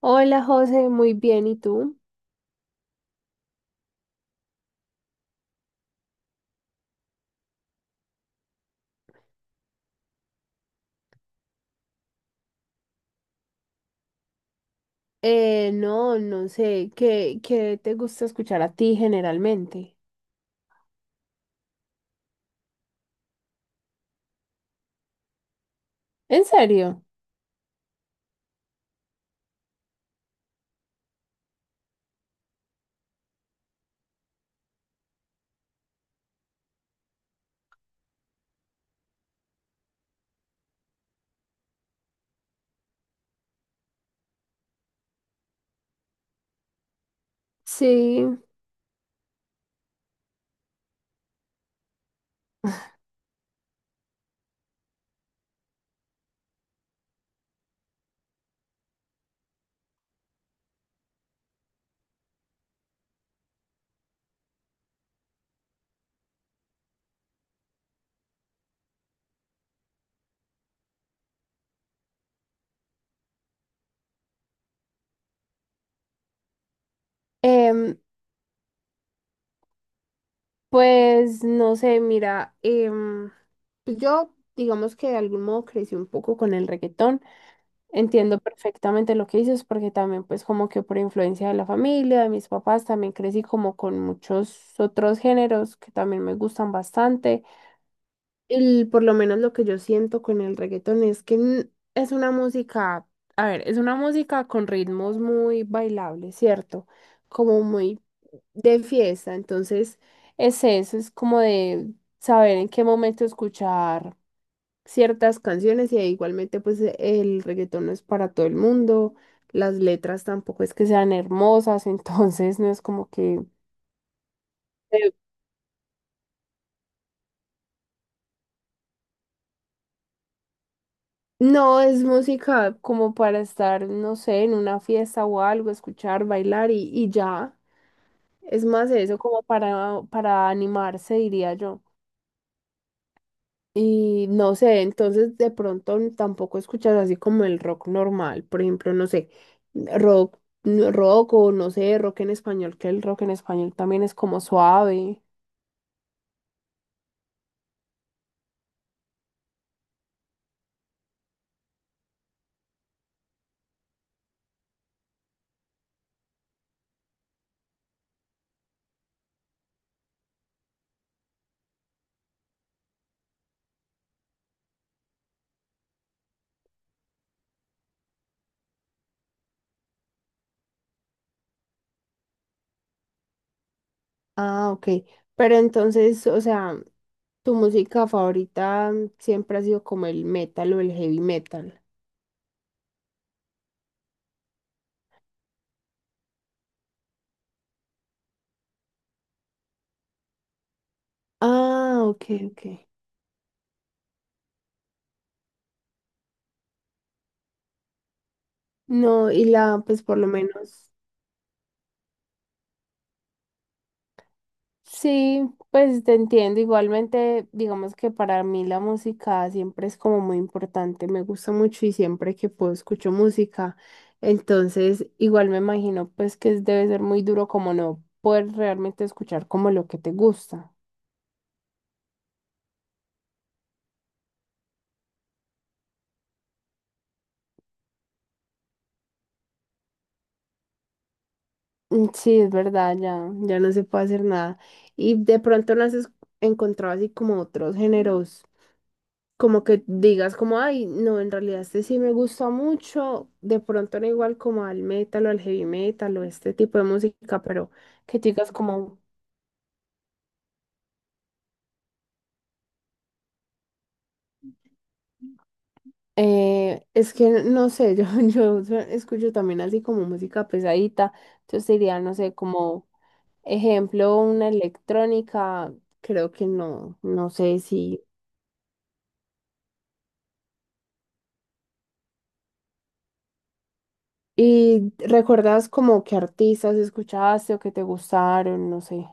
Hola José, muy bien, ¿y tú? No, no sé, ¿qué te gusta escuchar a ti generalmente? ¿En serio? Sí. Em, pues no sé, mira, pues yo digamos que de algún modo crecí un poco con el reggaetón. Entiendo perfectamente lo que dices porque también pues como que por influencia de la familia, de mis papás, también crecí como con muchos otros géneros que también me gustan bastante. Por lo menos lo que yo siento con el reggaetón es que es una música, a ver, es una música con ritmos muy bailables, ¿cierto? Como muy de fiesta, entonces es eso, es como de saber en qué momento escuchar ciertas canciones y igualmente pues el reggaetón no es para todo el mundo, las letras tampoco es que sean hermosas, entonces no es como que... No, es música como para estar, no sé, en una fiesta o algo, escuchar, bailar y ya. Es más eso como para animarse, diría yo. Y no sé, entonces de pronto tampoco escuchas así como el rock normal, por ejemplo, no sé, rock, rock o no sé, rock en español, que el rock en español también es como suave. Ah, ok. Pero entonces, o sea, tu música favorita siempre ha sido como el metal o el heavy metal. Ah, ok, ok. No, y la, pues por lo menos. Sí, pues te entiendo. Igualmente, digamos que para mí la música siempre es como muy importante. Me gusta mucho y siempre que puedo escucho música. Entonces, igual me imagino pues que debe ser muy duro como no poder realmente escuchar como lo que te gusta. Mm, sí, es verdad, ya, ya no se puede hacer nada. Y de pronto no has encontrado así como otros géneros como que digas como, ay, no, en realidad este sí me gusta mucho, de pronto no igual como al metal o al heavy metal o este tipo de música, pero que tú digas como, es que no sé, yo escucho también así como música pesadita, entonces diría, no sé, como ejemplo, una electrónica, creo que no, no sé si... ¿Y recuerdas como qué artistas escuchaste o que te gustaron? No sé.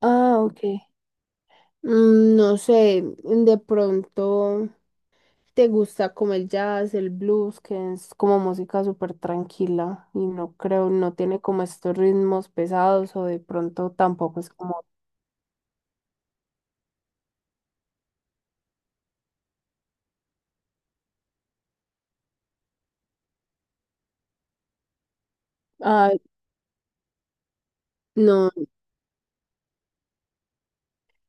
Ah, ok. Mm, no sé, de pronto te gusta como el jazz, el blues, que es como música súper tranquila y no creo, no tiene como estos ritmos pesados o de pronto tampoco es como, ah, no,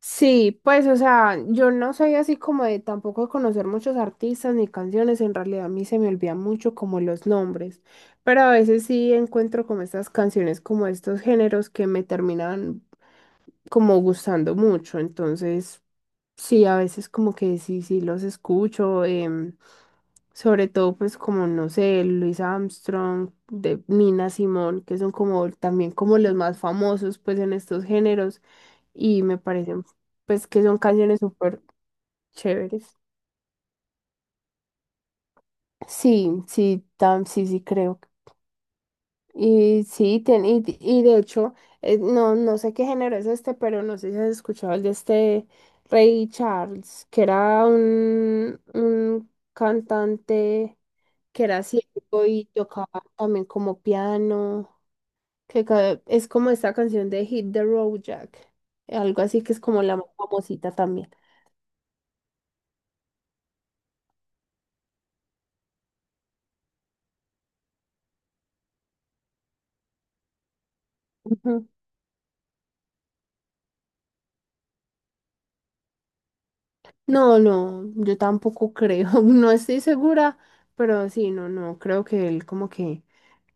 sí, pues o sea, yo no soy así como de tampoco conocer muchos artistas ni canciones, en realidad a mí se me olvidan mucho como los nombres, pero a veces sí encuentro como estas canciones, como estos géneros que me terminan como gustando mucho, entonces... Sí, a veces como que sí, sí los escucho, sobre todo pues como, no sé, Louis Armstrong, de Nina Simone, que son como también como los más famosos pues en estos géneros y me parecen pues que son canciones súper chéveres. Sí, sí, tam, sí, sí creo. Y sí, ten y de hecho, no, no sé qué género es este, pero no sé si has escuchado el de este Ray Charles, que era un cantante que era ciego y tocaba también como piano, que es como esta canción de Hit the Road Jack, algo así que es como la más famosita también. No, no, yo tampoco creo, no estoy segura, pero sí, no, no, creo que él como que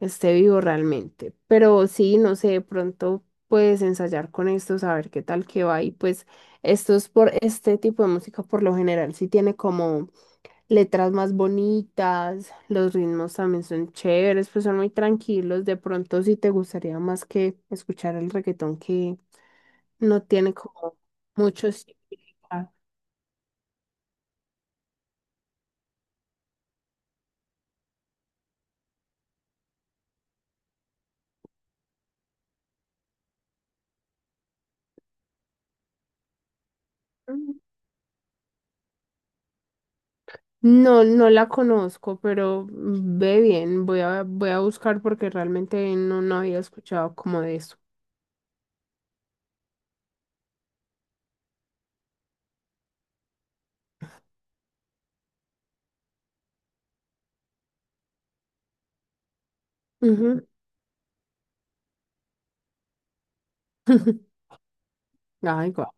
esté vivo realmente. Pero sí, no sé, de pronto puedes ensayar con esto, saber qué tal que va. Y pues esto es por este tipo de música, por lo general, sí tiene como letras más bonitas, los ritmos también son chéveres, pues son muy tranquilos. De pronto sí te gustaría más que escuchar el reggaetón que no tiene como mucho significado. No, no la conozco, pero ve bien, voy a, voy a buscar porque realmente no, no había escuchado como de eso. Ujú. Ay, guau.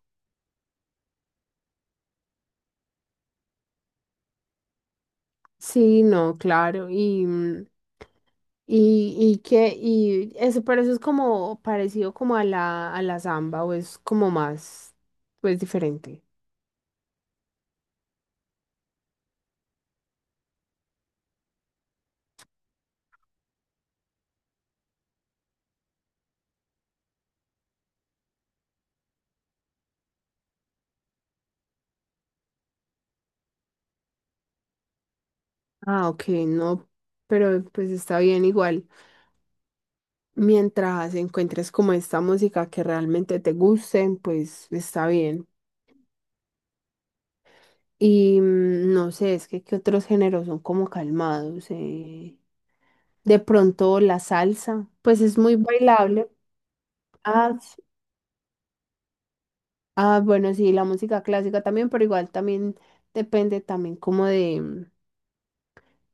Sí, no, claro, y, mm, y que, y eso, pero eso es como parecido como a la samba, o es como más, pues diferente. Ah, ok, no, pero pues está bien igual. Mientras encuentres como esta música que realmente te guste, pues está bien. Y mm, no sé, es que qué otros géneros son como calmados. De pronto la salsa, pues es muy bailable. Ah, ah, bueno, sí, la música clásica también, pero igual también depende también como de, mm,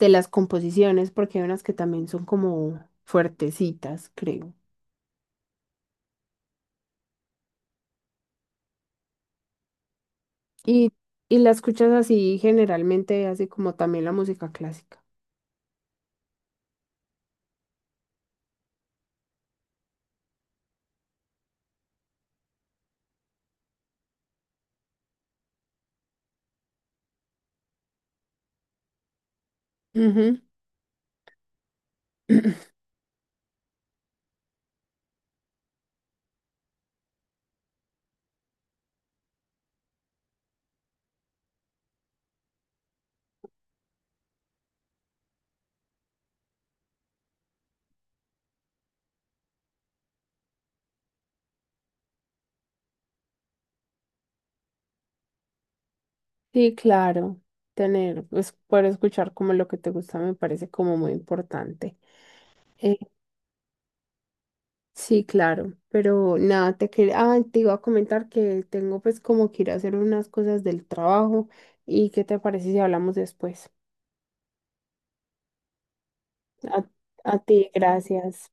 de las composiciones, porque hay unas que también son como fuertecitas, creo. Y, y la escuchas así generalmente, así como también la música clásica. Ujú. Sí, claro. Tener, pues, poder escuchar como lo que te gusta me parece como muy importante. Eh, sí, claro, pero nada, te quería, te iba a comentar que tengo pues como que ir a hacer unas cosas del trabajo y qué te parece si hablamos después. A, a ti, gracias.